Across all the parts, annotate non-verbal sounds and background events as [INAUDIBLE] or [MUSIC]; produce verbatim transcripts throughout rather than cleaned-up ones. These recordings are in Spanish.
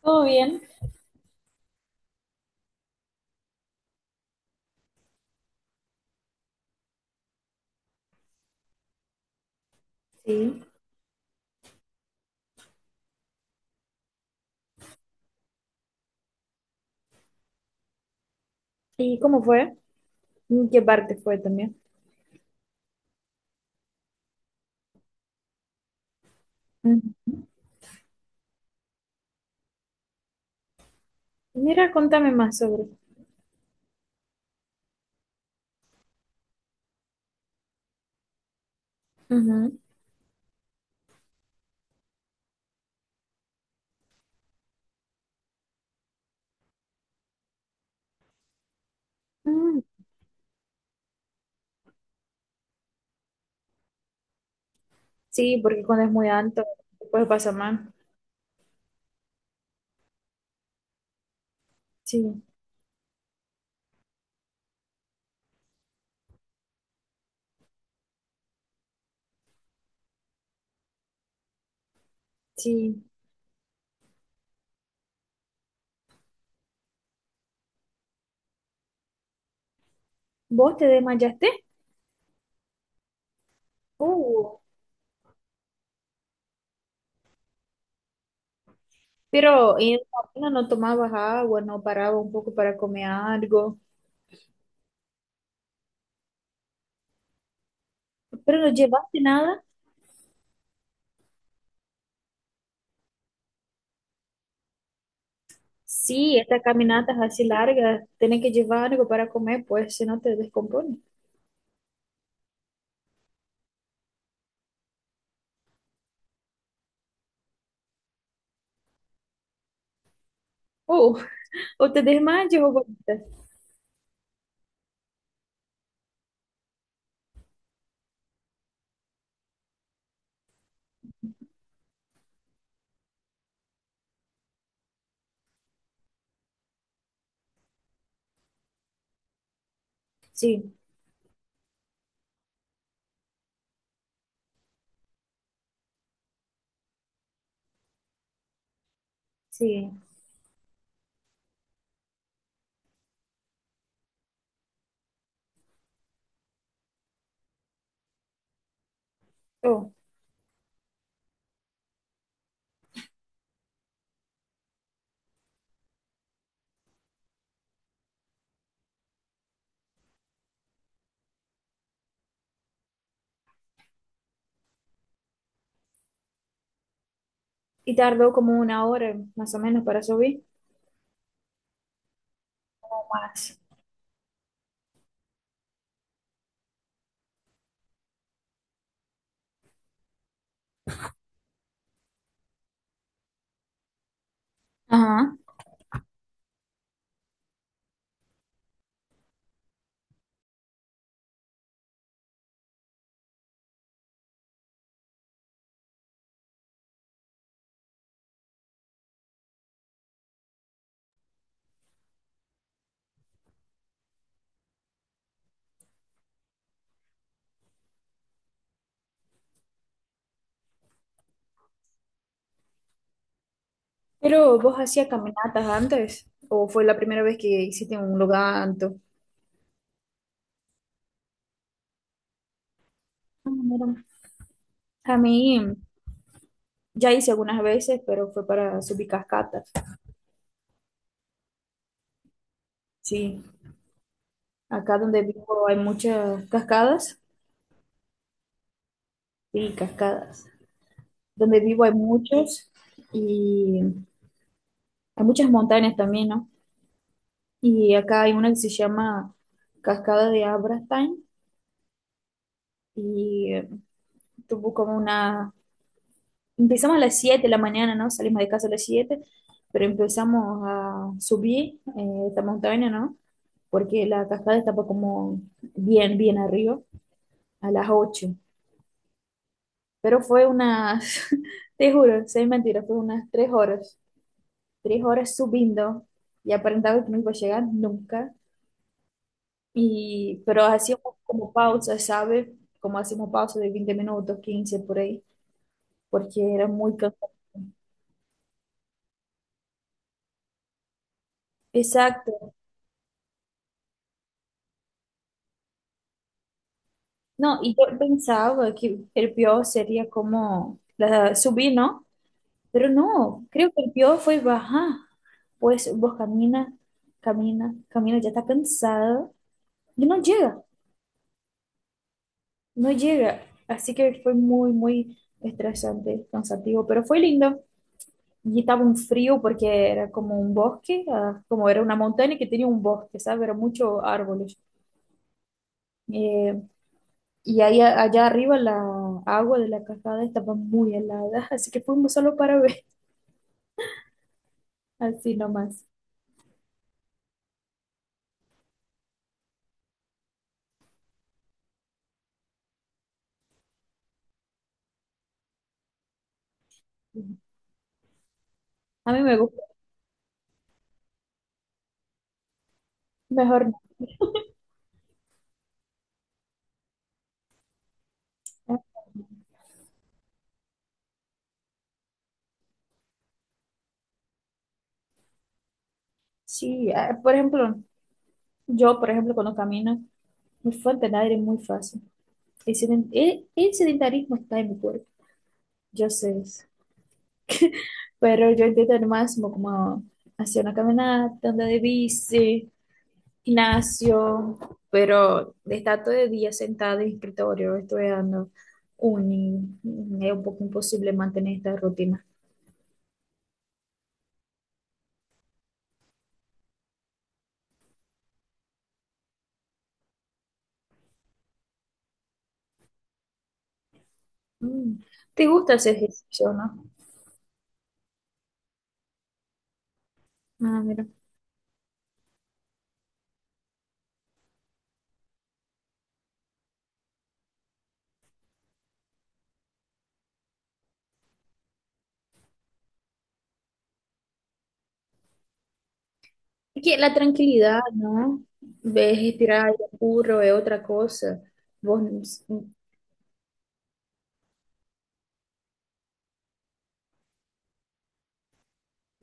¿Todo bien? Sí. ¿Y cómo fue? ¿En qué parte fue también? Mm. Mira, contame más sobre. Ujú. Mm. Sí, porque cuando es muy alto, después pasa mal. Sí, sí. ¿Vos te desmayaste? Uh, pero en la mañana no tomabas agua, no paraba un poco para comer algo. ¿Pero no llevaste nada? Sí, estas caminatas así largas, tenés que llevar algo para comer, pues si no te descompones. Uh, [LAUGHS] o te desmayas o vomitas. Sí, sí. Oh. Y tardó como una hora más o menos para subir. O más. Ajá. ¿Pero vos hacías caminatas antes o fue la primera vez que hiciste un loganto? Ah, mira. A mí ya hice algunas veces, pero fue para subir cascadas. Sí, acá donde vivo hay muchas cascadas. Sí, cascadas. Donde vivo hay muchos y hay muchas montañas también, ¿no? Y acá hay una que se llama Cascada de Abrastain y eh, tuvo como una, empezamos a las siete de la mañana, ¿no? Salimos de casa a las siete, pero empezamos a subir eh, esta montaña, ¿no? Porque la cascada estaba como bien, bien arriba, a las ocho. Pero fue unas, [LAUGHS] te juro, sin mentira, fue unas tres horas, tres horas subiendo y aparentaba que no iba a llegar nunca. Y pero hacíamos como pausa, ¿sabes? Como hacíamos pausa de veinte minutos, quince por ahí, porque era muy cansado. Exacto. No, y yo pensaba que el peor sería como la- subir, ¿no? Pero no, creo que el peor fue bajar. Pues vos camina, camina, camina, ya está cansado y no llega, no llega. Así que fue muy, muy estresante, cansativo, pero fue lindo. Y estaba un frío porque era como un bosque, ah, como era una montaña que tenía un bosque, ¿sabes? Era muchos árboles. Eh, Y ahí, a- allá arriba la agua de la cascada estaba muy helada, [LAUGHS] así que fuimos solo para ver, [LAUGHS] así nomás. A mí me gusta, mejor no. Sí, ah, por ejemplo, yo, por ejemplo, cuando camino, mi fuente de aire es muy fácil. El, seden- el- el sedentarismo está en mi cuerpo, yo sé eso. Pero yo intento al máximo como hacer una caminata, andar de bici, gimnasio, pero estar todo el día sentado en el escritorio estudiando uni, mm, es un poco imposible mantener esta rutina. Mm. ¿Te gusta hacer ejercicio, no? Ah, mira. Es que la tranquilidad, ¿no? Ves, respirar aire puro es otra cosa. Vos, mm,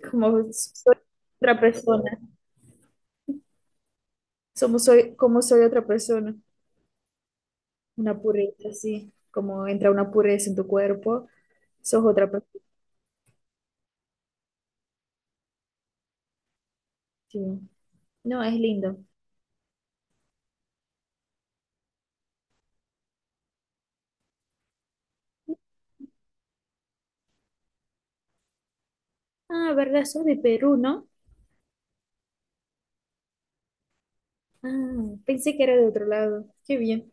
como soy otra persona, somos soy, como soy otra persona, una pureza, así, como entra una pureza en tu cuerpo, sos otra persona. Sí. No, es lindo. Ah, ¿verdad? Sos de Perú, ¿no? Ah, pensé que era de otro lado. Qué bien.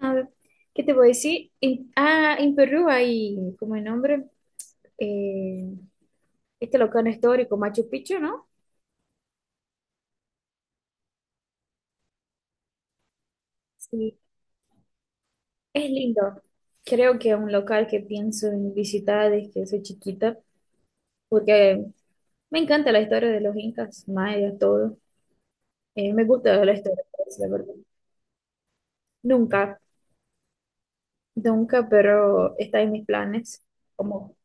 A ver, ¿qué te voy a decir? En- ah, en Perú hay, como el nombre, eh, este local histórico, Machu Picchu, ¿no? Sí, es lindo. Creo que es un local que pienso en visitar desde que soy chiquita, porque me encanta la historia de los incas, mayas, todo. Eh, me gusta la historia, pues, la verdad. Nunca, nunca, pero está en mis planes. Como,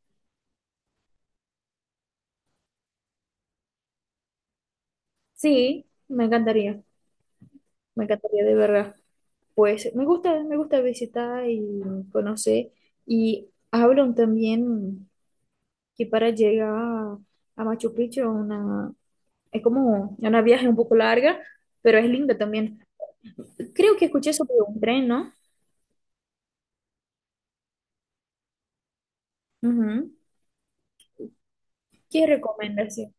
sí, me encantaría. Me encantaría de verdad. Pues me gusta, me gusta visitar y conocer. Y hablan también que para llegar a Machu Picchu una, es como una viaje un poco larga, pero es linda también. Creo que escuché sobre un tren, ¿no? Ujú. ¿Qué recomiendas? Sí.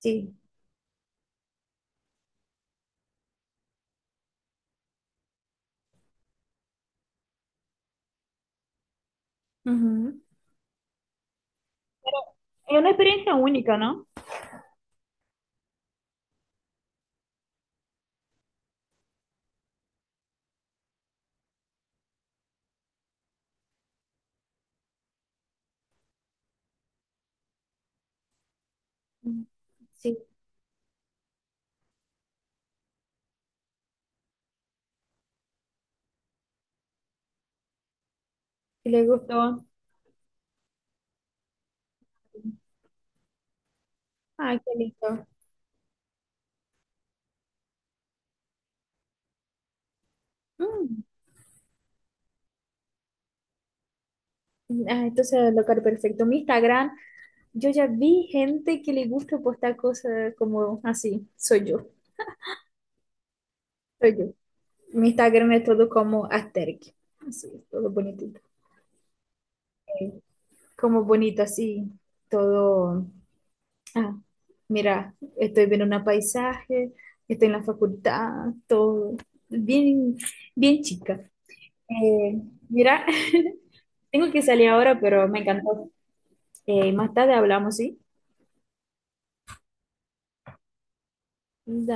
Sí. Ujú. Pero es una experiencia única, ¿no? Ujú. Sí, le gustó. Ay, qué lindo. Mm. Ah, entonces, el local perfecto. Mi Instagram. Yo ya vi gente que le gusta postar cosas como así. Soy yo, soy yo. Mi Instagram es todo como asterix, así, todo bonitito. Eh, Como bonito así, todo. Ah, mira, estoy viendo un paisaje, estoy en la facultad, todo. Bien, bien chica. Eh, mira, [LAUGHS] tengo que salir ahora, pero me encantó. Eh, más tarde hablamos, ¿sí?